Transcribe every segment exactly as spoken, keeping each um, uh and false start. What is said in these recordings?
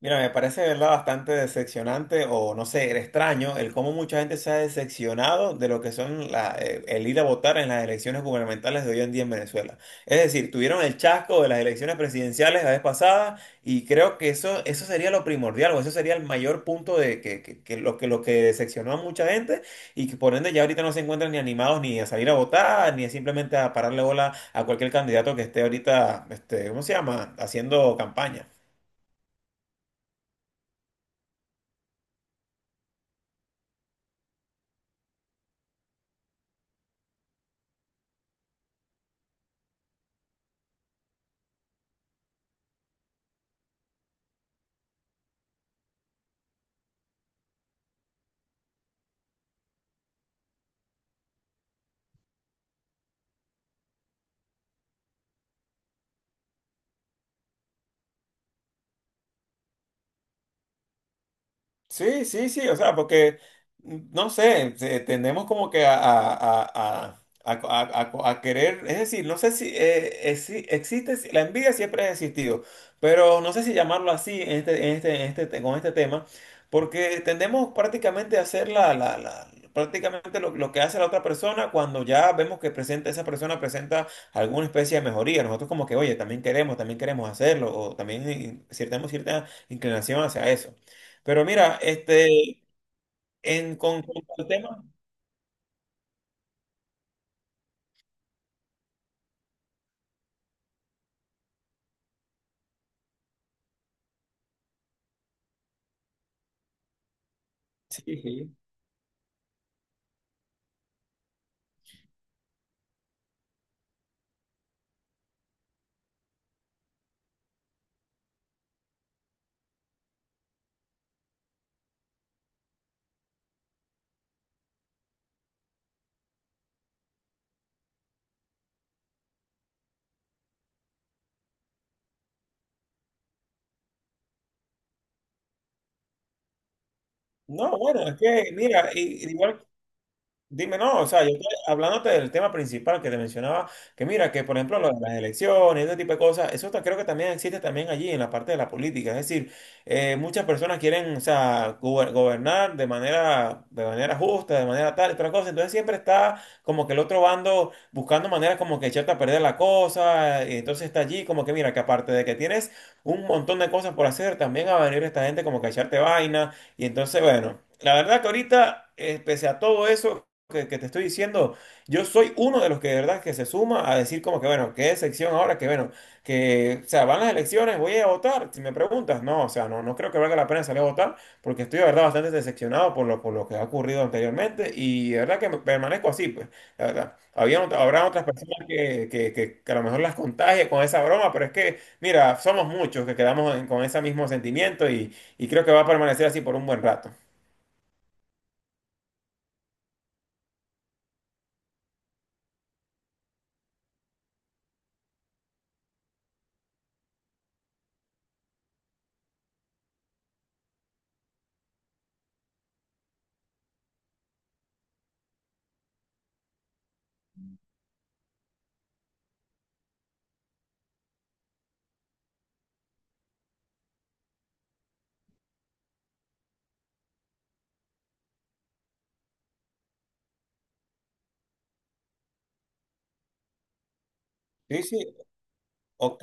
Mira, me parece, de ¿verdad? Bastante decepcionante o no sé, extraño el cómo mucha gente se ha decepcionado de lo que son la- eh, el ir a votar en las elecciones gubernamentales de hoy en día en Venezuela. Es decir, tuvieron el chasco de las elecciones presidenciales la vez pasada y creo que eso, eso sería lo primordial o eso sería el mayor punto de que, que- que lo que lo que decepcionó a mucha gente y que por ende ya ahorita no se encuentran ni animados ni a salir a votar ni simplemente a pararle bola a cualquier candidato que esté ahorita, este, ¿cómo se llama?, haciendo campaña. Sí, sí, sí, o sea, porque, mm, no sé, se- tendemos como que a, a- a- a- a- a- a- a querer, es decir, no sé si eh, eh, si existe, si- la envidia siempre ha existido, pero no sé si llamarlo así en este, en este, en este, te- con este tema, porque tendemos prácticamente a hacer la, la- la- prácticamente lo, lo que hace la otra persona cuando ya vemos que presenta, esa persona presenta alguna especie de mejoría, nosotros como que, oye, también queremos, también queremos hacerlo, o también eh, cierta- tenemos cierta inclinación hacia eso. Pero mira, este, en con, con el tema, sí, sí. No, bueno, es que, mira, i- igual. Dime, no, o sea, yo estoy hablándote del tema principal que te mencionaba, que mira, que por ejemplo lo de las elecciones, ese tipo de cosas, eso ta- creo que también existe también allí en la parte de la política, es decir, eh, muchas personas quieren, o sea, gober- gobernar de manera, de manera justa, de manera tal, y otra cosa, entonces siempre está como que el otro bando buscando maneras como que echarte a perder la cosa, y entonces está allí como que mira, que aparte de que tienes un montón de cosas por hacer, también va a venir esta gente como que a echarte vaina, y entonces, bueno. La verdad que ahorita, eh, pese a todo eso, que, que te estoy diciendo, yo soy uno de los que de verdad que se suma a decir como que bueno, qué sección ahora, que bueno, que, o sea, van las elecciones, voy a votar, si me preguntas, no, o sea, no, no creo que valga la pena salir a votar, porque estoy de verdad bastante decepcionado por lo, por lo que ha ocurrido anteriormente y de verdad que me- permanezco así, pues, la verdad. Había, ot- habrá otras personas que, que, que, que a lo mejor las contagie con esa broma, pero es que, mira, somos muchos que quedamos en- con ese mismo sentimiento y, y creo que va a permanecer así por un buen rato. Sí, sí, ok.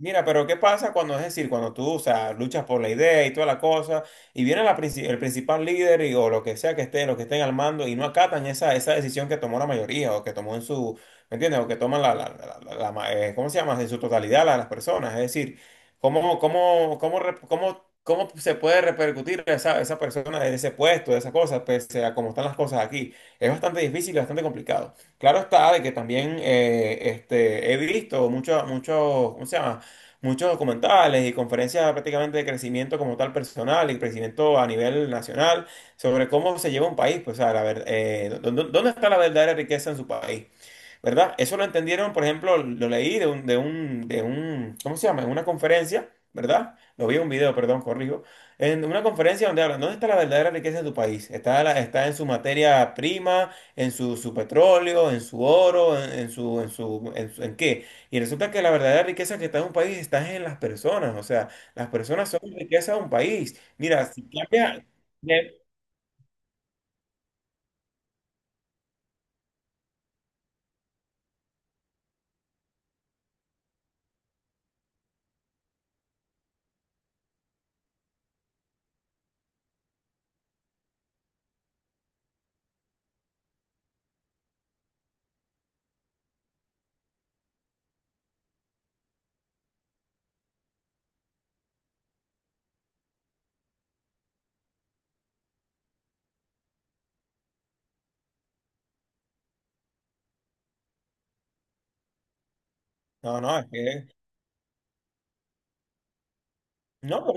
Mira, pero ¿qué pasa cuando, es decir, cuando tú, o sea, luchas por la idea y toda la cosa, y viene la princi- el principal líder y- o lo que sea que esté, lo que estén al mando y no acatan esa, esa decisión que tomó la mayoría o que tomó en su, ¿me entiendes? O que toman la, la, la- la- la ma- eh, ¿cómo se llama? En su totalidad la- las personas. Es decir, ¿cómo, cómo, cómo, re- cómo, cómo se puede repercutir esa, esa persona en ese puesto, de esa cosa, pese a cómo están las cosas aquí? Es bastante difícil y bastante complicado. Claro está de que también eh, este, he visto muchos, muchos, ¿cómo se llama? Muchos documentales y conferencias prácticamente de crecimiento como tal personal y crecimiento a nivel nacional sobre cómo se lleva un país, pues, o sea, la ver- eh, dó- dó- ¿dónde está la verdadera riqueza en su país? ¿Verdad? Eso lo entendieron, por ejemplo, lo leí de un, de un, de un, ¿cómo se llama? En una conferencia, ¿verdad? Lo vi en un video, perdón, corrijo. En una conferencia donde hablan, ¿dónde está la verdadera riqueza de tu país? Está, la- está en su materia prima, en su, su petróleo, en su oro, en, en su, en su, en su- ¿en qué? Y resulta que la verdadera riqueza que está en un país está en las personas, o sea, las personas son riqueza de un país. Mira, si cambia… No, no, es que… No.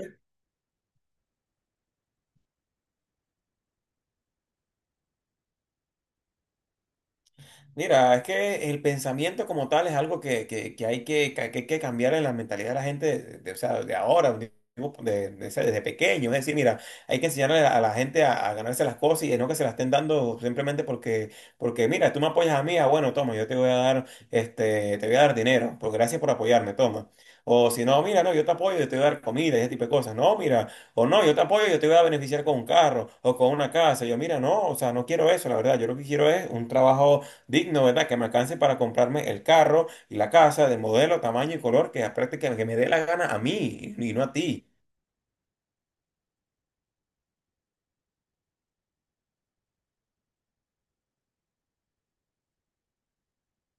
Mira, es que el pensamiento como tal es algo que, que- que hay que, que hay que cambiar en la mentalidad de la gente, de, de- o sea, de ahora, de- de- de- o sea, desde pequeño. Es decir, mira, hay que enseñarle a la gente a, a ganarse las cosas y no que se las estén dando simplemente porque, porque mira, tú me apoyas a mí, ah, bueno, toma, yo te voy a dar, este, te voy a dar dinero, pues gracias por apoyarme, toma. O si no, mira, no, yo te apoyo, yo te voy a dar comida y ese tipo de cosas. No, mira, o no, yo te apoyo, yo te voy a beneficiar con un carro o con una casa. Yo, mira, no, o sea, no quiero eso, la verdad, yo lo que quiero es un trabajo digno, ¿verdad? Que me alcance para comprarme el carro y la casa de modelo, tamaño y color que apriete que, que me dé la gana a mí y no a ti.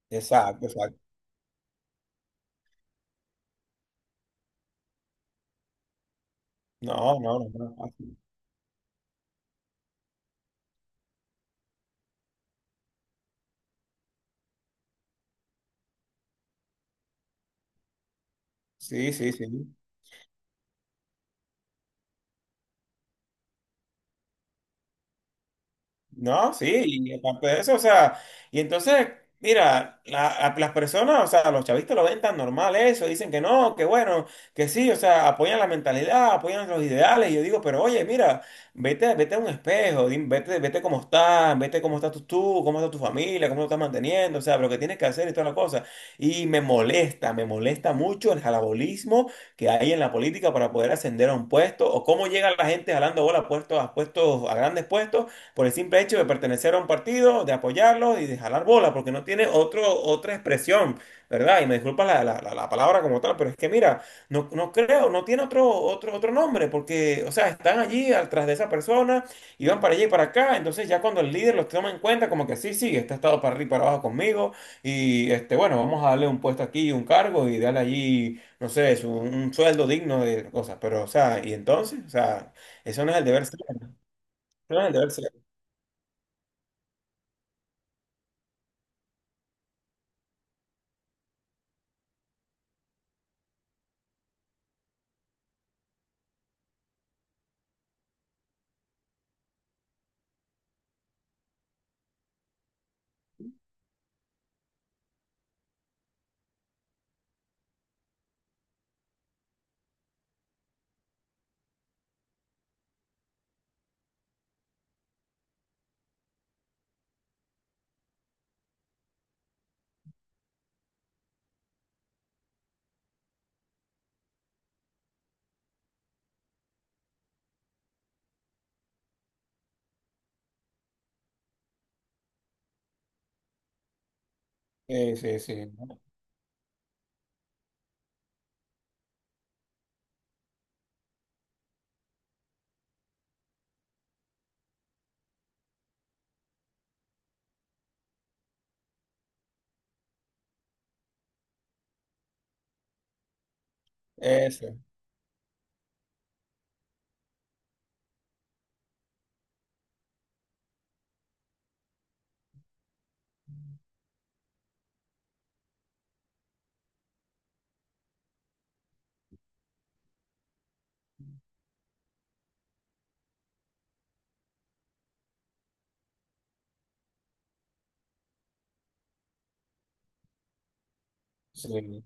Exacto, exacto. No, no, no, no, no. Sí, sí, sí. No, sí, y aparte de eso, o sea, y entonces, mira, la- a- las personas, o sea, los chavistas lo ven tan normal eso, dicen que no, que bueno, que sí, o sea, apoyan la mentalidad, apoyan los ideales, y yo digo, pero oye, mira, vete, vete a un espejo, dim- vete, vete cómo estás, vete cómo estás tú, tú, cómo está tu familia, cómo lo estás manteniendo, o sea, lo que tienes que hacer y toda la cosa. Y me molesta, me molesta mucho el jalabolismo que hay en la política para poder ascender a un puesto, o cómo llega la gente jalando bola a puestos, a puestos, a grandes puestos por el simple hecho de pertenecer a un partido, de apoyarlo y de jalar bola, porque no tiene otro, otra expresión, ¿verdad? Y me disculpa la, la- la- la palabra como tal, pero es que mira, no, no creo, no tiene otro, otro, otro nombre, porque, o sea, están allí al tras de esa persona y van para allá y para acá, entonces ya cuando el líder los toma en cuenta, como que sí, sí, este ha estado para arriba y para abajo conmigo, y este, bueno, vamos a darle un puesto aquí, un cargo y darle allí, no sé, su- un sueldo digno de cosas, pero, o sea, y entonces, o sea, eso no es el deber ser, eso no es el deber ser. Sí, sí, sí. ¿No? Ese, sí.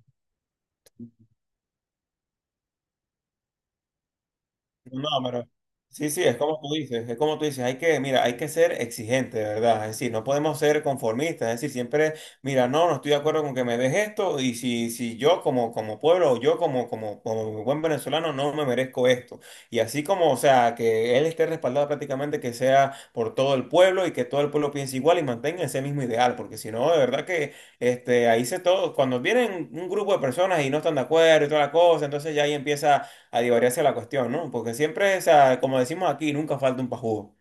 No, pero sí, sí, es como tú dices, es como tú dices, hay que, mira, hay que ser exigente, de ¿verdad? Es decir, no podemos ser conformistas, es decir, siempre, mira, no, no estoy de acuerdo con que me des esto y si, si yo como, como pueblo o yo como, como, como buen venezolano no me merezco esto. Y así como, o sea, que él esté respaldado prácticamente que sea por todo el pueblo y que todo el pueblo piense igual y mantenga ese mismo ideal, porque si no, de verdad que este, ahí se todo, cuando vienen un grupo de personas y no están de acuerdo y toda la cosa, entonces ya ahí empieza a divagar la cuestión, ¿no? Porque siempre, o sea, como decimos aquí, nunca falta un pajudo.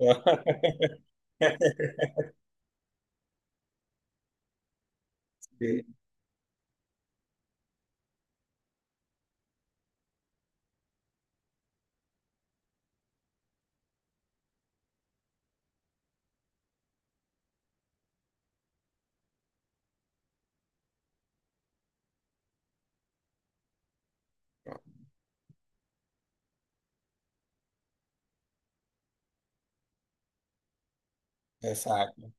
Sí. Exacto.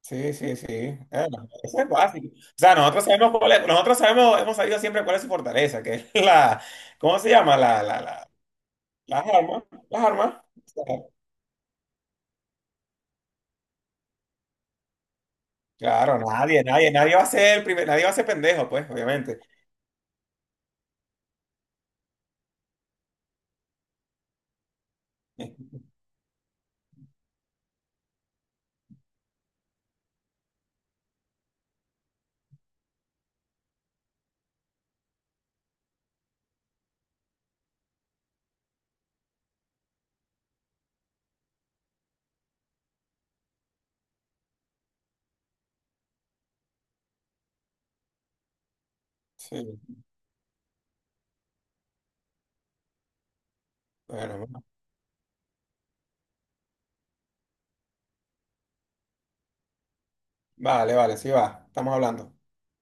Sí, sí, sí. Eh, eso es básico. O sea, nosotros sabemos cuál es- nosotros sabemos, hemos sabido siempre cuál es su fortaleza, que es la, ¿cómo se llama? La, la, la, las armas, las armas. O sea, claro, nadie, nadie, nadie va a ser el primer, nadie va a ser pendejo, pues, obviamente. Sí, bueno, vale, vale, sí va, estamos hablando.